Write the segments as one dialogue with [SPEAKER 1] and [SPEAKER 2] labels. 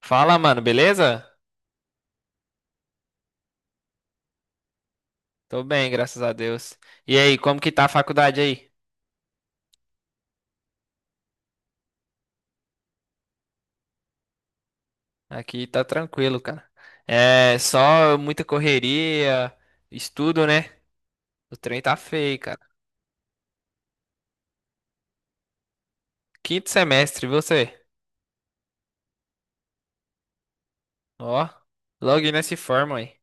[SPEAKER 1] Fala, mano, beleza? Tô bem, graças a Deus. E aí, como que tá a faculdade aí? Aqui tá tranquilo, cara. É só muita correria, estudo, né? O trem tá feio, cara. Quinto semestre, você? Ó, logo nesse forma aí.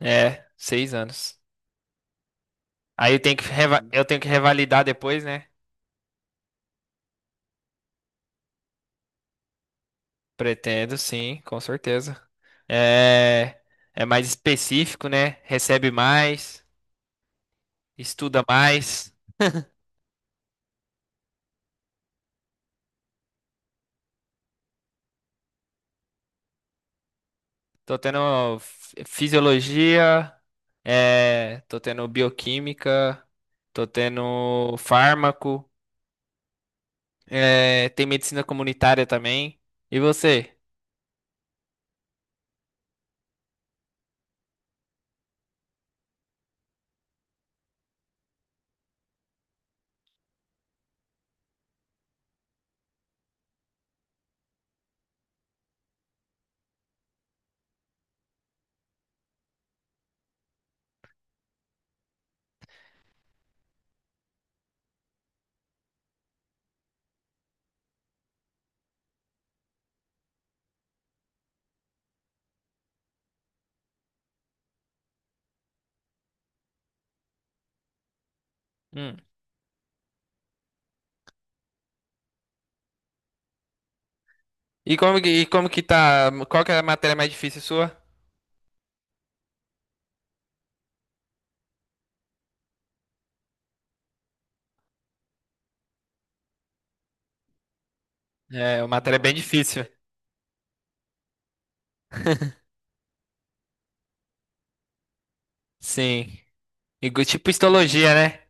[SPEAKER 1] É, 6 anos. Aí eu tenho eu tenho que revalidar depois, né? Pretendo, sim, com certeza. É, é mais específico, né? Recebe mais, estuda mais. Tô tendo fisiologia, é, tô tendo bioquímica, tô tendo fármaco, é, tem medicina comunitária também. E você? Hum. E como que tá? Qual que é a matéria mais difícil sua? É, uma matéria bem difícil. Sim. E tipo histologia, né?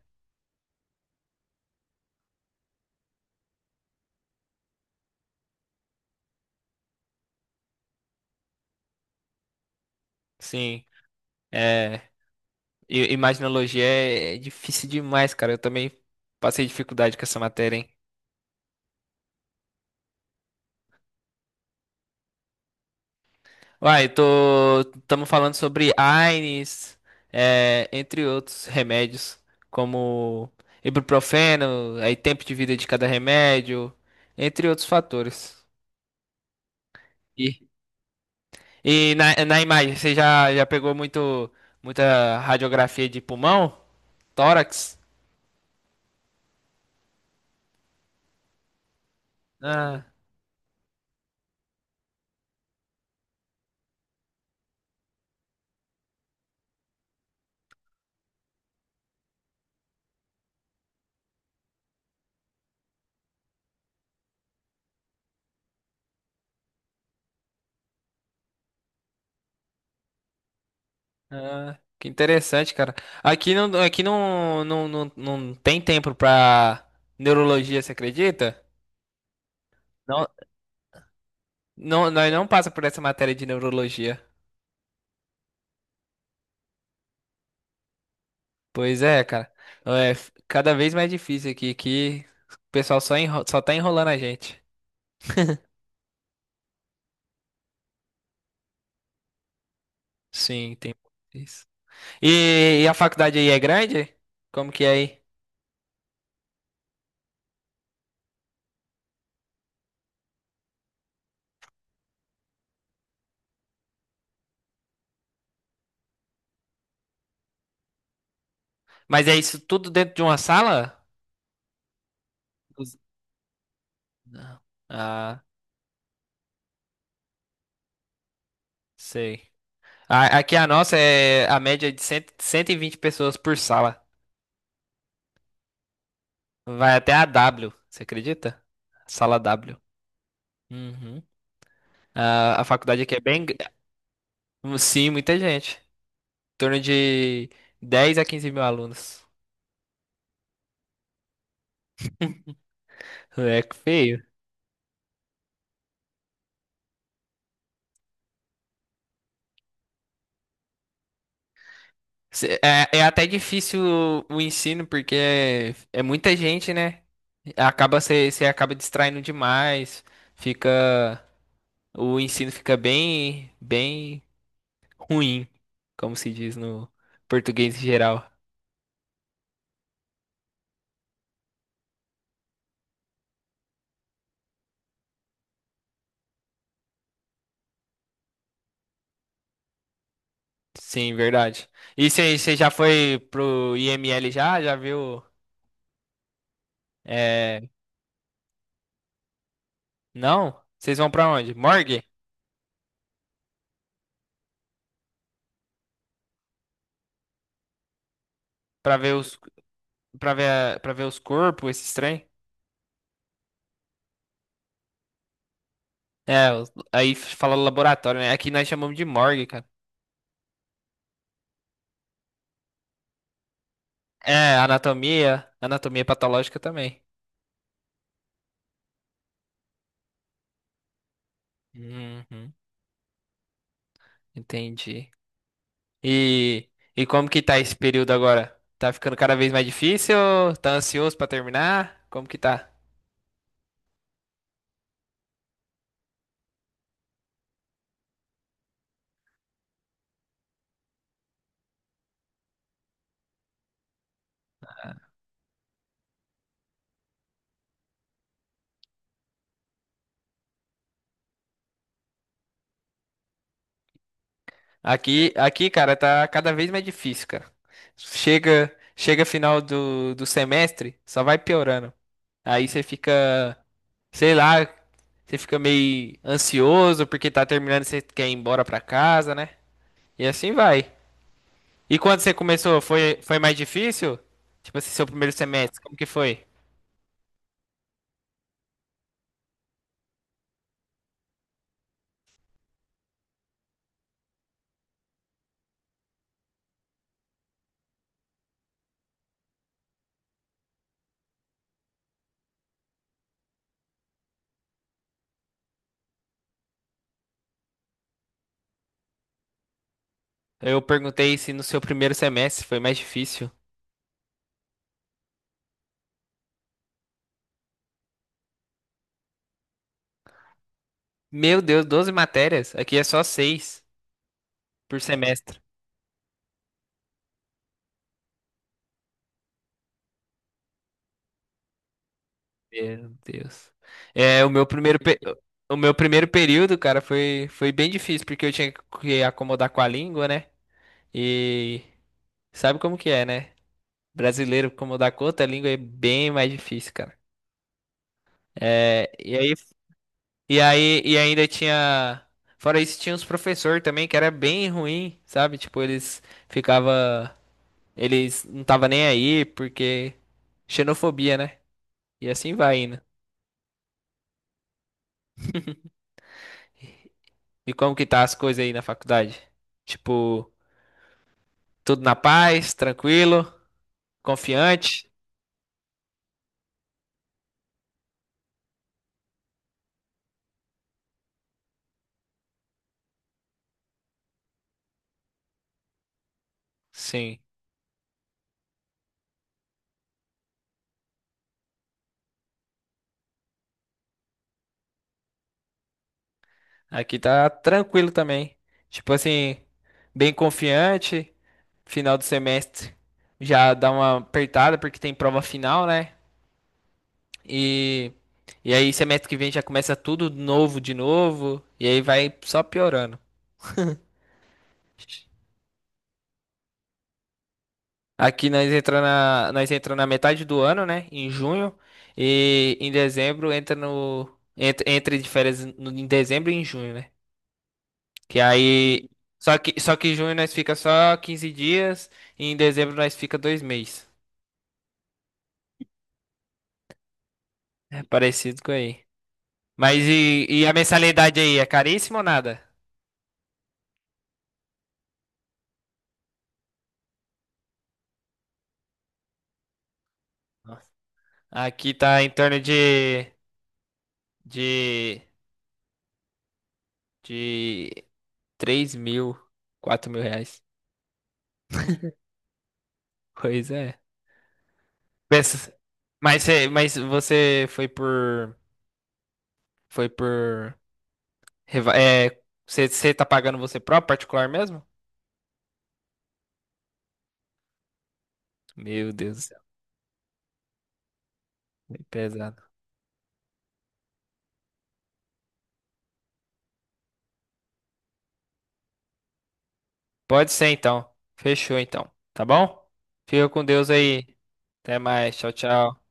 [SPEAKER 1] Sim. É, imaginologia é difícil demais, cara. Eu também passei dificuldade com essa matéria, hein? Uai, estamos falando sobre AINEs, é, entre outros remédios, como ibuprofeno, aí tempo de vida de cada remédio, entre outros fatores. E, e na imagem, você já pegou muita radiografia de pulmão? Tórax? Ah, ah, que interessante, cara. Aqui não, não, não, não tem tempo pra neurologia, você acredita? Não, não, nós não passa por essa matéria de neurologia. Pois é, cara. É cada vez mais difícil aqui, que o pessoal só tá enrolando a gente. Sim, tem isso. E a faculdade aí é grande? Como que é aí? Mas é isso tudo dentro de uma sala? Os- Não. Ah, sei. Aqui a nossa é a média de cem 120 pessoas por sala. Vai até a W, você acredita? Sala W. Uhum. A faculdade aqui é bem. Sim, muita gente. Em torno de 10 a 15 mil alunos. É que feio. É até difícil o ensino, porque é muita gente, né? Acaba você acaba distraindo demais. Fica o ensino fica bem bem ruim, como se diz no português em geral. Sim, verdade. E você já foi pro IML já? Já viu? É, não? Vocês vão pra onde? Morgue? Pra ver os para ver os corpos, esses trem? É, aí fala laboratório, né? Aqui nós chamamos de morgue, cara. É, anatomia patológica também. Uhum, entendi. E, e como que tá esse período agora? Tá ficando cada vez mais difícil? Tá ansioso pra terminar? Como que tá? Aqui, cara, tá cada vez mais difícil, cara. Chega final do semestre, só vai piorando. Aí você fica, sei lá, você fica meio ansioso porque tá terminando e você quer ir embora pra casa, né? E assim vai. E quando você começou, foi mais difícil? Tipo assim, seu primeiro semestre, como que foi? Eu perguntei se no seu primeiro semestre foi mais difícil. Meu Deus, 12 matérias. Aqui é só 6 por semestre. Meu Deus. É, o meu primeiro período, cara, foi bem difícil, porque eu tinha que acomodar com a língua, né? E sabe como que é, né? Brasileiro, como dá conta, a língua é bem mais difícil, cara. É, e aí, e ainda tinha, fora isso, tinha uns professores também que era bem ruim, sabe? Tipo, ficava, eles não tava nem aí porque xenofobia, né? E assim vai indo. E como que tá as coisas aí na faculdade? Tipo, tudo na paz, tranquilo, confiante? Sim. Aqui tá tranquilo também. Tipo assim, bem confiante. Final do semestre já dá uma apertada porque tem prova final, né? E, e aí semestre que vem já começa tudo novo de novo. E aí vai só piorando. Aqui nós entra na metade do ano, né? Em junho. E em dezembro entra no. Entra de férias em dezembro e em junho, né? Que aí. Só que em junho nós fica só 15 dias e em dezembro nós fica 2 meses. É parecido com aí. Mas e a mensalidade aí? É caríssima ou nada? Nossa. Aqui tá em torno de, de 3.000, R$ 4.000. Pois é. Pensa, mas, mas você foi por. Foi por. Você tá pagando você próprio, particular mesmo? Meu Deus do céu, é pesado. Pode ser então. Fechou então. Tá bom? Fica com Deus aí. Até mais. Tchau, tchau.